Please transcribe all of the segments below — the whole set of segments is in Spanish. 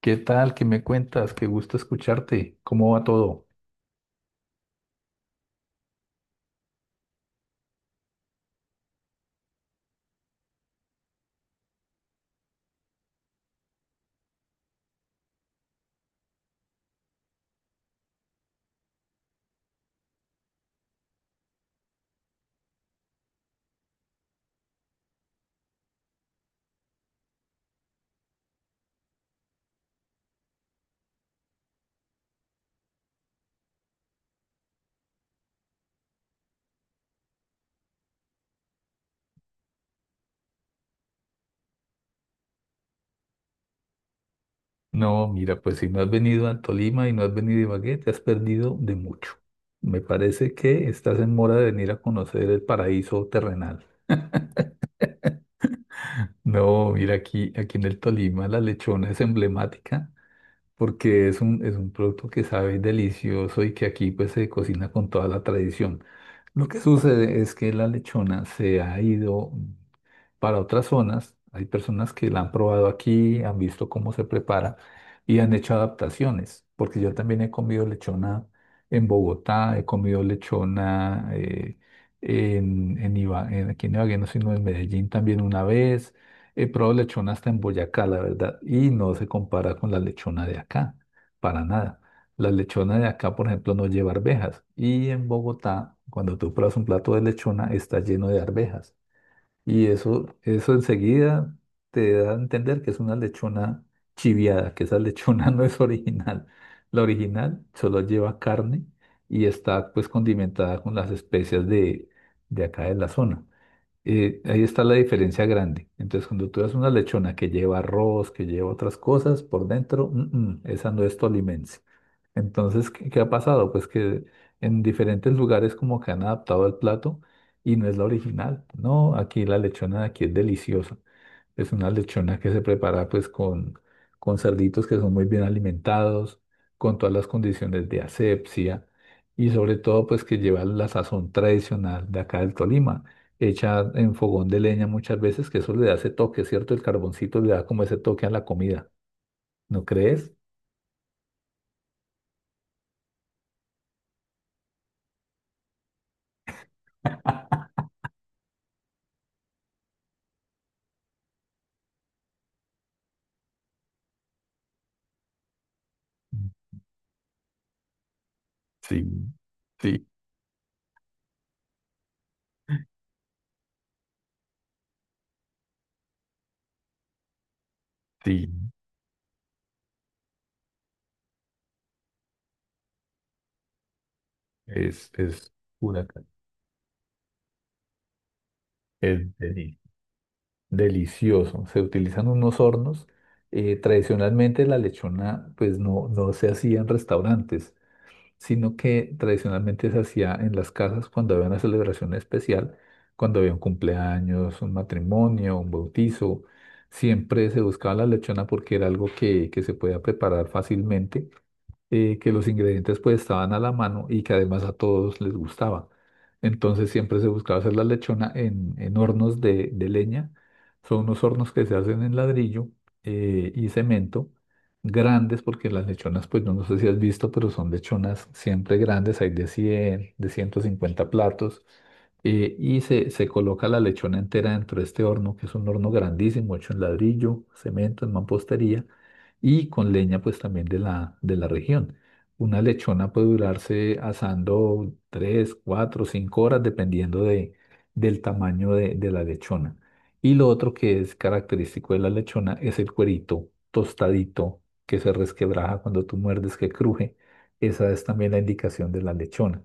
¿Qué tal? ¿Qué me cuentas? Qué gusto escucharte. ¿Cómo va todo? No, mira, pues si no has venido a Tolima y no has venido a Ibagué, te has perdido de mucho. Me parece que estás en mora de venir a conocer el paraíso terrenal. No, mira, aquí en el Tolima la lechona es emblemática porque es un producto que sabe delicioso y que aquí pues se cocina con toda la tradición. Lo que sucede es que la lechona se ha ido para otras zonas. Hay personas que la han probado aquí, han visto cómo se prepara y han hecho adaptaciones, porque yo también he comido lechona en Bogotá, he comido lechona aquí en Ibagué, no, sino en Medellín también una vez. He probado lechona hasta en Boyacá, la verdad, y no se compara con la lechona de acá, para nada. La lechona de acá, por ejemplo, no lleva arvejas. Y en Bogotá, cuando tú pruebas un plato de lechona, está lleno de arvejas. Y eso enseguida te da a entender que es una lechona chiviada, que esa lechona no es original. La original solo lleva carne y está pues condimentada con las especias de acá de la zona. Ahí está la diferencia grande. Entonces, cuando tú das una lechona que lleva arroz, que lleva otras cosas por dentro, esa no es tolimense. Entonces, ¿qué ha pasado? Pues que en diferentes lugares como que han adaptado el plato y no es la original. No, aquí la lechona de aquí es deliciosa. Es una lechona que se prepara pues con cerditos que son muy bien alimentados, con todas las condiciones de asepsia y sobre todo pues que lleva la sazón tradicional de acá del Tolima, hecha en fogón de leña muchas veces, que eso le da ese toque, ¿cierto? El carboncito le da como ese toque a la comida, ¿no crees? Sí, sí, sí. Es, es una, ca- es delicioso. Delicioso. Se utilizan unos hornos. Tradicionalmente la lechona pues no se hacía en restaurantes, sino que tradicionalmente se hacía en las casas cuando había una celebración especial, cuando había un cumpleaños, un matrimonio, un bautizo. Siempre se buscaba la lechona porque era algo que se podía preparar fácilmente, que los ingredientes pues estaban a la mano y que además a todos les gustaba. Entonces siempre se buscaba hacer la lechona en hornos de leña. Son unos hornos que se hacen en ladrillo y cemento, grandes porque las lechonas, pues no sé si has visto, pero son lechonas siempre grandes, hay de 100 de 150 platos. Y se coloca la lechona entera dentro de este horno, que es un horno grandísimo, hecho en ladrillo, cemento, en mampostería y con leña pues también de la región. Una lechona puede durarse asando 3 4 5 horas dependiendo del tamaño de la lechona. Y lo otro que es característico de la lechona es el cuerito tostadito que se resquebraja cuando tú muerdes, que cruje. Esa es también la indicación de la lechona.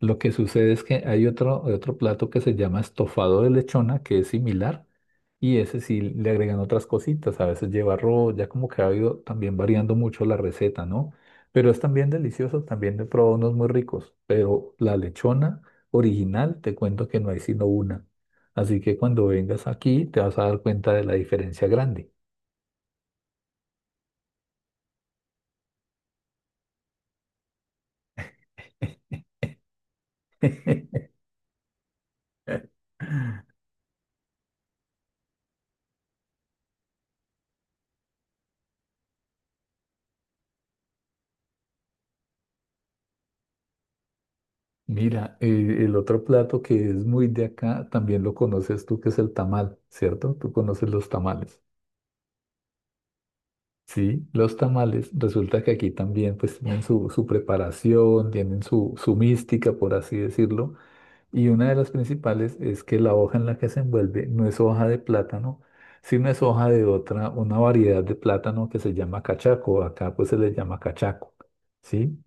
Lo que sucede es que hay otro plato que se llama estofado de lechona, que es similar, y ese sí le agregan otras cositas, a veces lleva arroz, ya como que ha ido también variando mucho la receta, ¿no? Pero es también delicioso, también he probado unos muy ricos, pero la lechona original, te cuento que no hay sino una. Así que cuando vengas aquí te vas a dar cuenta de la diferencia grande. Mira, el otro plato que es muy de acá, también lo conoces tú, que es el tamal, ¿cierto? Tú conoces los tamales. Sí, los tamales, resulta que aquí también pues tienen su preparación, tienen su mística, por así decirlo, y una de las principales es que la hoja en la que se envuelve no es hoja de plátano, sino es hoja de otra, una variedad de plátano que se llama cachaco, acá pues se le llama cachaco, ¿sí?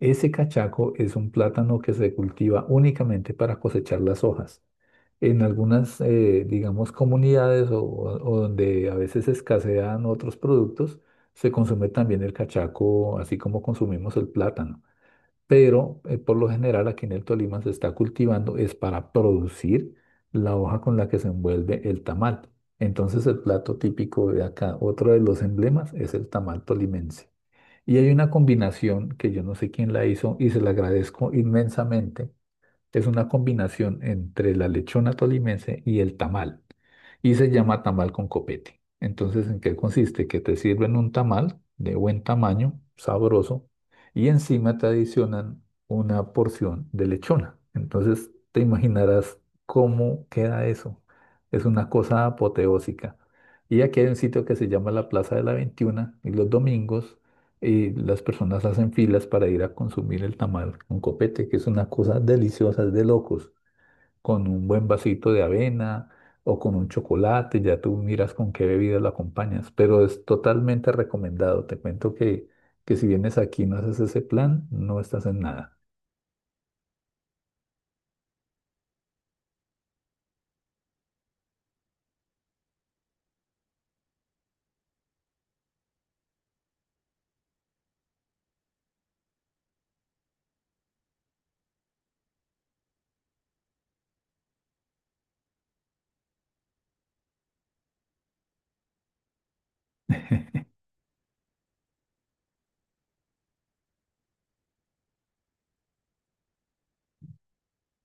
Ese cachaco es un plátano que se cultiva únicamente para cosechar las hojas en algunas, digamos, comunidades o donde a veces escasean otros productos, se consume también el cachaco, así como consumimos el plátano. Pero por lo general aquí en el Tolima se está cultivando, es para producir la hoja con la que se envuelve el tamal. Entonces el plato típico de acá, otro de los emblemas, es el tamal tolimense. Y hay una combinación que yo no sé quién la hizo y se la agradezco inmensamente, es una combinación entre la lechona tolimense y el tamal. Y se llama tamal con copete. Entonces, ¿en qué consiste? Que te sirven un tamal de buen tamaño, sabroso, y encima te adicionan una porción de lechona. Entonces, te imaginarás cómo queda eso. Es una cosa apoteósica. Y aquí hay un sitio que se llama la Plaza de la 21, y los domingos y las personas hacen filas para ir a consumir el tamal con copete, que es una cosa deliciosa, es de locos, con un buen vasito de avena o con un chocolate, ya tú miras con qué bebida lo acompañas, pero es totalmente recomendado. Te cuento que si vienes aquí y no haces ese plan, no estás en nada.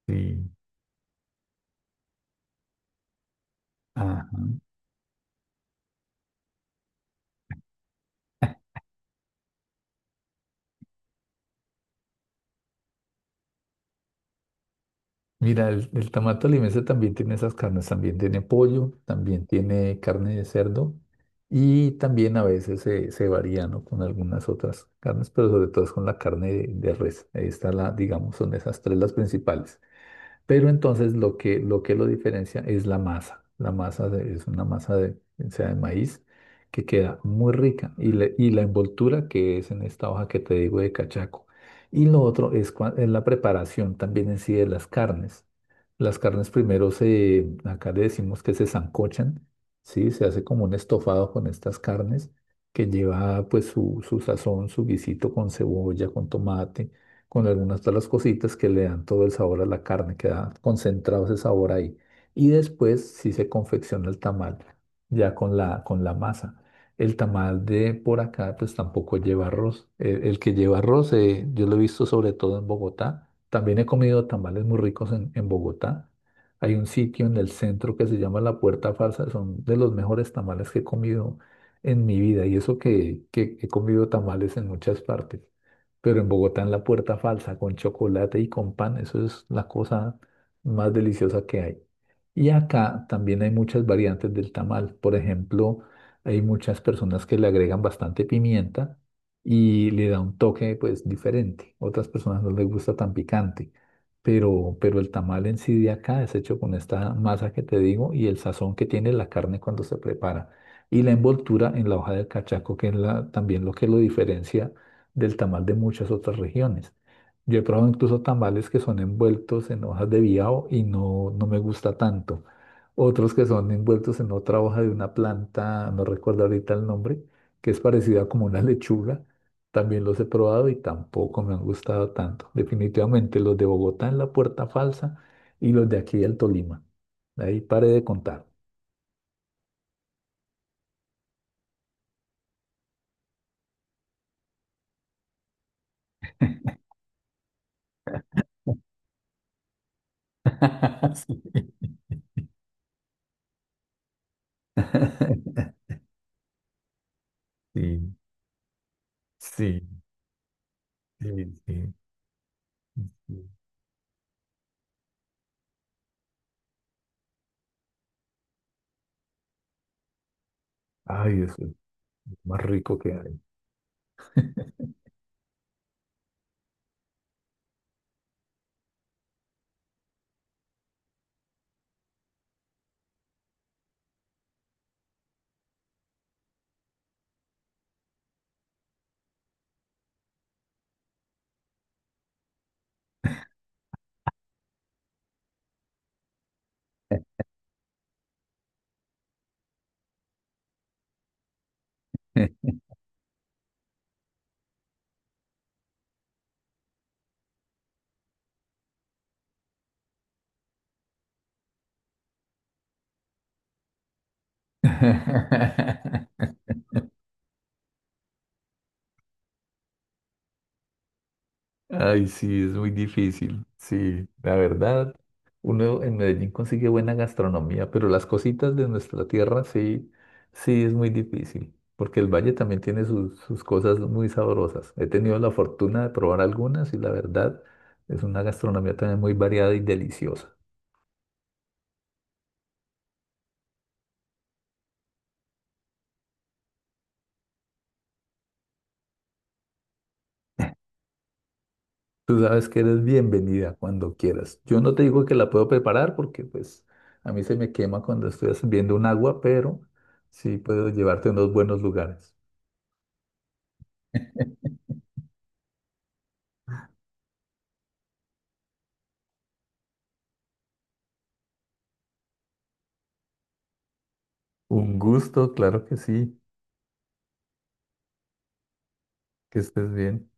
Sí. Ah. Mira, el tamal tolimense también tiene esas carnes, también tiene pollo, también tiene carne de cerdo y también a veces se varía, ¿no?, con algunas otras carnes, pero sobre todo es con la carne de res. Ahí está la, digamos, son esas tres las principales. Pero entonces lo que lo diferencia es la masa. Es una masa de, o sea, de maíz que queda muy rica y la envoltura que es en esta hoja que te digo de cachaco. Y lo otro es la preparación también en sí de las carnes. Las carnes primero acá le decimos que se sancochan, ¿sí? Se hace como un estofado con estas carnes que lleva pues su sazón, su guisito con cebolla, con tomate, con algunas de las cositas que le dan todo el sabor a la carne, queda concentrado ese sabor ahí. Y después sí se confecciona el tamal, ya con la masa. El tamal de por acá, pues tampoco lleva arroz. El que lleva arroz, yo lo he visto sobre todo en Bogotá. También he comido tamales muy ricos en Bogotá. Hay un sitio en el centro que se llama La Puerta Falsa, son de los mejores tamales que he comido en mi vida. Y eso que he comido tamales en muchas partes. Pero en Bogotá, en la Puerta Falsa, con chocolate y con pan, eso es la cosa más deliciosa que hay. Y acá también hay muchas variantes del tamal. Por ejemplo, hay muchas personas que le agregan bastante pimienta y le da un toque pues diferente. Otras personas no les gusta tan picante. Pero el tamal en sí de acá es hecho con esta masa que te digo y el sazón que tiene la carne cuando se prepara. Y la envoltura en la hoja del cachaco, que también lo que lo diferencia del tamal de muchas otras regiones. Yo he probado incluso tamales que son envueltos en hojas de biao y no me gusta tanto. Otros que son envueltos en otra hoja de una planta, no recuerdo ahorita el nombre, que es parecida como una lechuga. También los he probado y tampoco me han gustado tanto. Definitivamente los de Bogotá en la Puerta Falsa y los de aquí del Tolima. Ahí paré de contar. Sí, sí, sí, sí, sí. Ay, eso más rico que hay. Ay, sí, es muy difícil. Sí, la verdad, uno en Medellín consigue buena gastronomía, pero las cositas de nuestra tierra sí, sí es muy difícil, porque el valle también tiene sus cosas muy sabrosas. He tenido la fortuna de probar algunas y la verdad es una gastronomía también muy variada y deliciosa. Tú sabes que eres bienvenida cuando quieras. Yo no te digo que la puedo preparar porque pues a mí se me quema cuando estoy sirviendo un agua, pero sí puedo llevarte a unos buenos lugares. Un gusto, claro que sí, que estés bien.